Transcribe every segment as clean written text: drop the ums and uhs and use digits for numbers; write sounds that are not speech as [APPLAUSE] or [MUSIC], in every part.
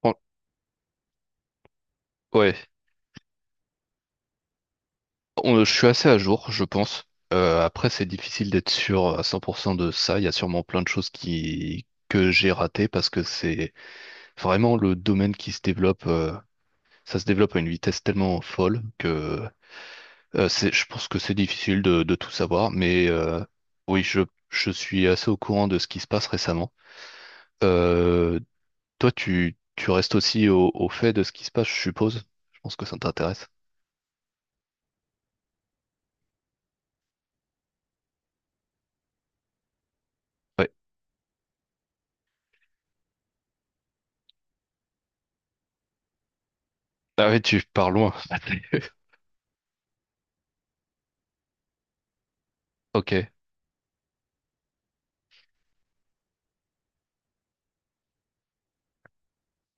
Fran- Ouais, je suis assez à jour, je pense. Après, c'est difficile d'être sûr à 100% de ça. Il y a sûrement plein de choses qui que j'ai ratées parce que c'est vraiment le domaine qui se développe. Ça se développe à une vitesse tellement folle que je pense que c'est difficile de tout savoir. Mais oui, je, je suis assez au courant de ce qui se passe récemment. Euh, toi, tu restes aussi au fait de ce qui se passe, je suppose. Je pense que ça t'intéresse. Ouais. Ah oui, tu pars loin. Ok.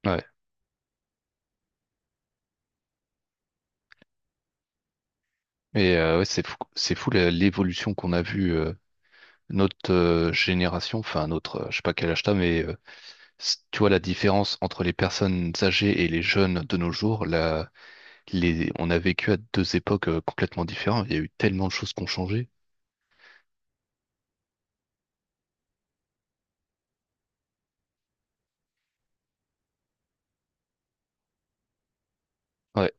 Ouais. Et ouais, c'est fou l'évolution qu'on a vue notre génération, enfin je sais pas quel âge t'as, mais tu vois la différence entre les personnes âgées et les jeunes de nos jours, là, les, on a vécu à deux époques complètement différentes. Il y a eu tellement de choses qui ont changé. Ouais,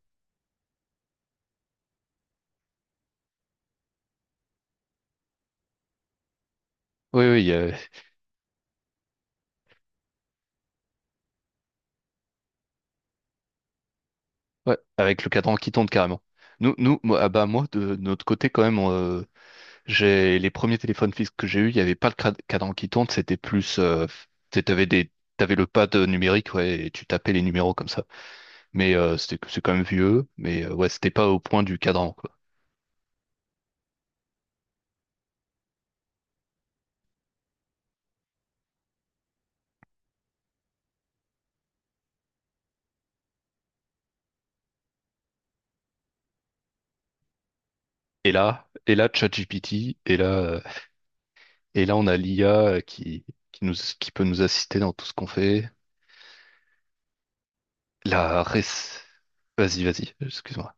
oui, oui, il y a... ouais, avec le cadran qui tourne carrément. Moi, ah bah moi de notre côté quand même, j'ai les premiers téléphones fixes que j'ai eu, il n'y avait pas le cadran qui tourne, c'était plus, tu avais des, t'avais le pad numérique, ouais, et tu tapais les numéros comme ça. C'est quand même vieux, mais ouais, c'était pas au point du cadran, quoi. Et là, ChatGPT, et là, on a l'IA qui nous, qui peut nous assister dans tout ce qu'on fait. La res... Vas-y, vas-y, excuse-moi.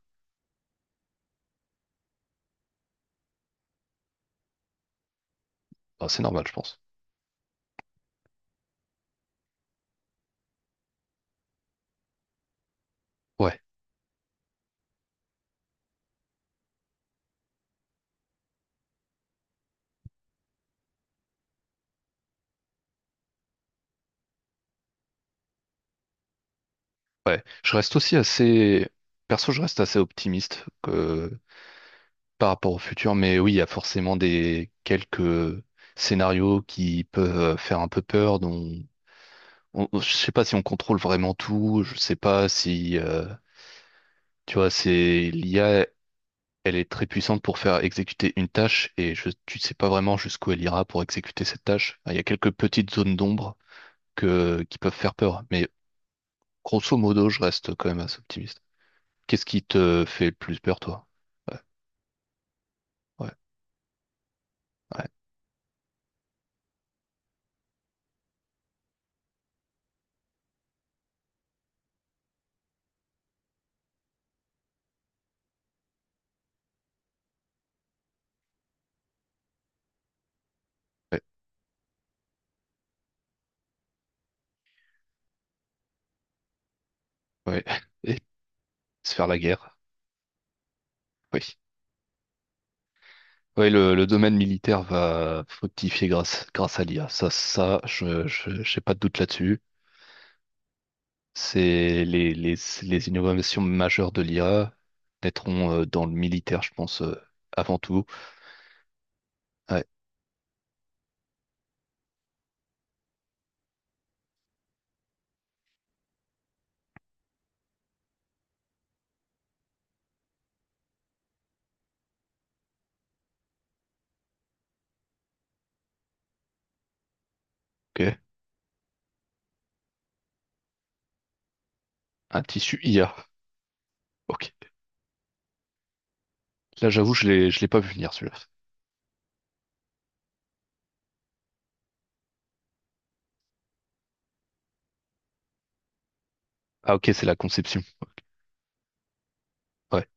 Ah, c'est normal, je pense. Ouais, ouais. Je reste aussi perso, je reste assez optimiste par rapport au futur, mais oui, il y a forcément des quelques scénarios qui peuvent faire un peu peur, dont je sais pas si on contrôle vraiment tout, je sais pas si tu vois, c'est l'IA, elle est très puissante pour faire exécuter une tâche et tu sais pas vraiment jusqu'où elle ira pour exécuter cette tâche. Enfin, il y a quelques petites zones d'ombre que qui peuvent faire peur, mais grosso modo, je reste quand même assez optimiste. Qu'est-ce qui te fait le plus peur, toi? Ouais, ouais, ouais, ouais. Ouais. [LAUGHS] Et se faire la guerre. Oui, oui, le domaine militaire va fructifier grâce à l'IA. Ça, ça, j'ai pas de doute là-dessus. C'est les innovations majeures de l'IA naîtront dans le militaire, je pense, avant tout. Ouais, ok. Un tissu IA. Ok. Là, j'avoue, je l'ai pas vu venir, celui-là. Ah, ok, c'est la conception. Ouais.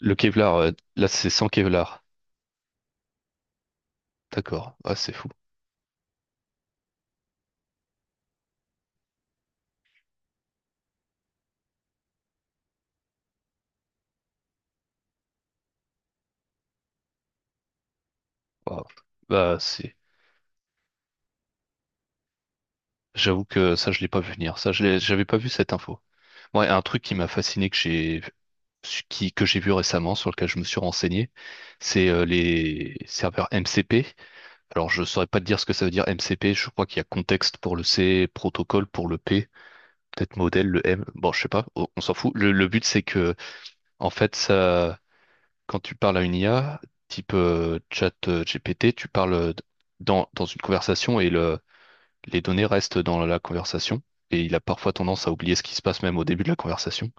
Le Kevlar, là, c'est sans Kevlar. D'accord. Ah, c'est fou. Waouh. Bah, c'est, J'avoue que ça, je l'ai pas vu venir. Ça, j'avais pas vu cette info. Ouais, un truc qui m'a fasciné que j'ai vu récemment, sur lequel je me suis renseigné, c'est les serveurs MCP. Alors, je saurais pas te dire ce que ça veut dire MCP. Je crois qu'il y a contexte pour le C, protocole pour le P, peut-être modèle, le M. Bon, je sais pas, on s'en fout. Le but, c'est que, en fait, ça, quand tu parles à une IA, type chat GPT, tu parles euh, dans une conversation et les données restent dans la conversation. Et il a parfois tendance à oublier ce qui se passe même au début de la conversation.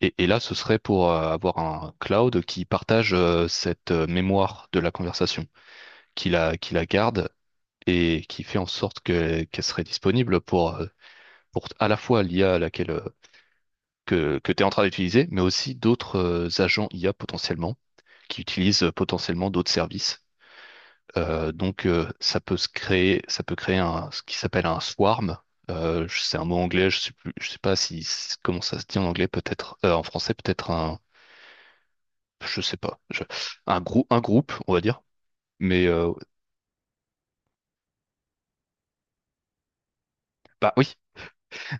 Et là, ce serait pour avoir un cloud qui partage cette mémoire de la conversation, qui la garde et qui fait en sorte qu'elle serait disponible pour à la fois l'IA à laquelle que tu es en train d'utiliser, mais aussi d'autres agents IA potentiellement, qui utilisent potentiellement d'autres services. Donc, ça peut se créer, ça peut créer un, ce qui s'appelle un swarm. C'est un mot anglais, je sais pas si, comment ça se dit en anglais, peut-être, en français, peut-être un, je sais pas, je... un groupe, on va dire. Mais bah oui,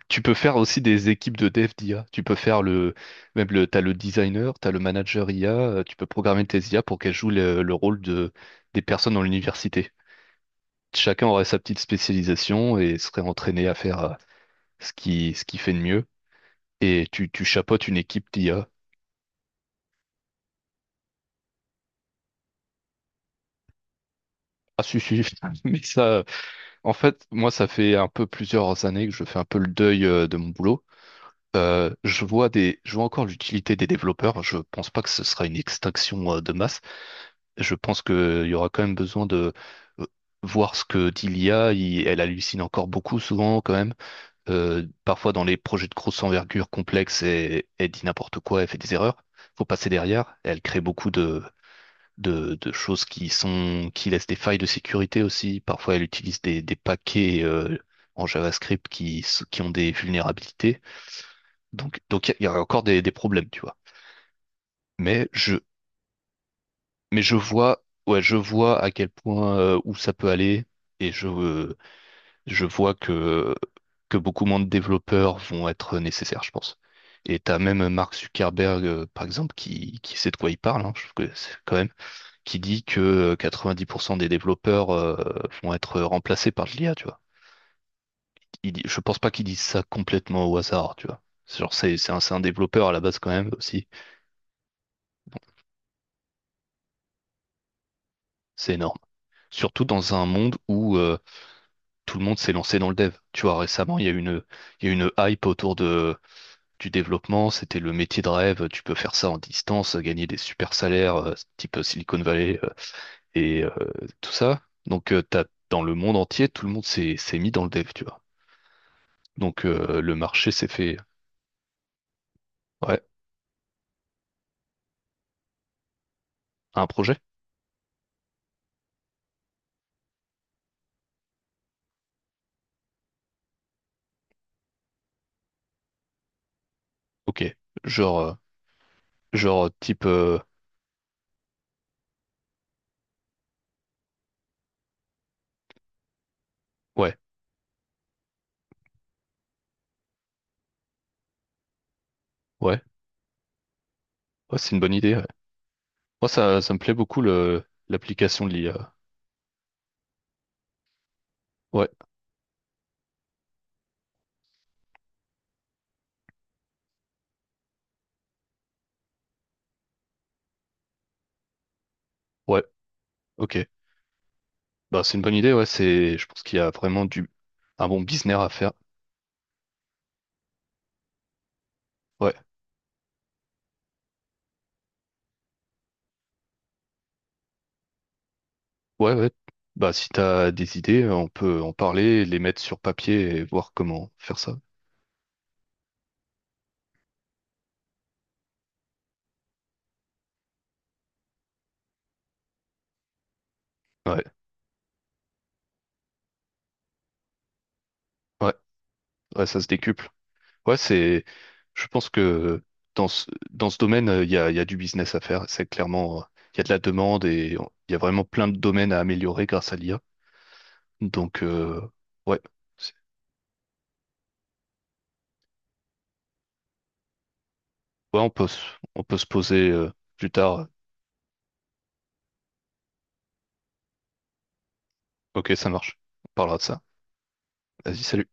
tu peux faire aussi des équipes de dev d'IA. Tu peux faire le même le t'as le designer, t'as le manager IA. Tu peux programmer tes IA pour qu'elles jouent le rôle de des personnes dans l'université. Chacun aurait sa petite spécialisation et serait entraîné à faire ce qu'il fait de mieux. Et tu chapeautes une équipe d'IA. Ah si si, [LAUGHS] mais ça, moi ça fait un peu plusieurs années que je fais un peu le deuil de mon boulot. Je vois encore l'utilité des développeurs. Je pense pas que ce sera une extinction de masse. Je pense qu'il y aura quand même besoin de euh, voir ce que dit l'IA. Elle hallucine encore beaucoup souvent quand même. Parfois dans les projets de grosse envergure complexe, elle dit n'importe quoi, elle fait des erreurs. Faut passer derrière. Elle crée beaucoup de choses qui sont qui laissent des failles de sécurité aussi. Parfois elle utilise des paquets en JavaScript qui ont des vulnérabilités. Donc, il y a encore des problèmes, tu vois. Mais je, mais je vois, ouais, je vois à quel point où ça peut aller et je vois que beaucoup moins de développeurs vont être nécessaires, je pense. Et t'as même Mark Zuckerberg, par exemple, qui sait de quoi il parle, hein, je trouve que c'est quand même, qui dit que 90% des développeurs vont être remplacés par de l'IA, tu vois. Il dit, je pense pas qu'il dise ça complètement au hasard, tu vois. C'est Genre, c'est un, C'est un développeur à la base quand même aussi. C'est énorme. Surtout dans un monde où tout le monde s'est lancé dans le dev. Tu vois, récemment, il y a une hype autour du développement. C'était le métier de rêve. Tu peux faire ça en distance, gagner des super salaires, type Silicon Valley et tout ça. Donc, dans le monde entier, tout le monde s'est mis dans le dev, tu vois. Donc, le marché s'est fait. Ouais, un projet? Ok. Genre, genre type. Ouais, ouais, ouais, c'est une bonne idée. Ouais. Moi, ça me plaît beaucoup l'application de l'IA. Ouais, ouais, ok. Bah, c'est une bonne idée, ouais. Je pense qu'il y a vraiment un bon business à faire. Ouais, ouais, ouais. Bah, si t'as des idées, on peut en parler, les mettre sur papier et voir comment faire ça. Ouais, ouais, ouais, ça se décuple. Ouais, c'est, je pense que dans ce domaine, il y a du business à faire. C'est clairement, il y a de la demande et il y a vraiment plein de domaines à améliorer grâce à l'IA. Donc, euh, ouais, C'est- ouais, on peut, on peut se poser, plus tard. Ok, ça marche. On parlera de ça. Vas-y, salut.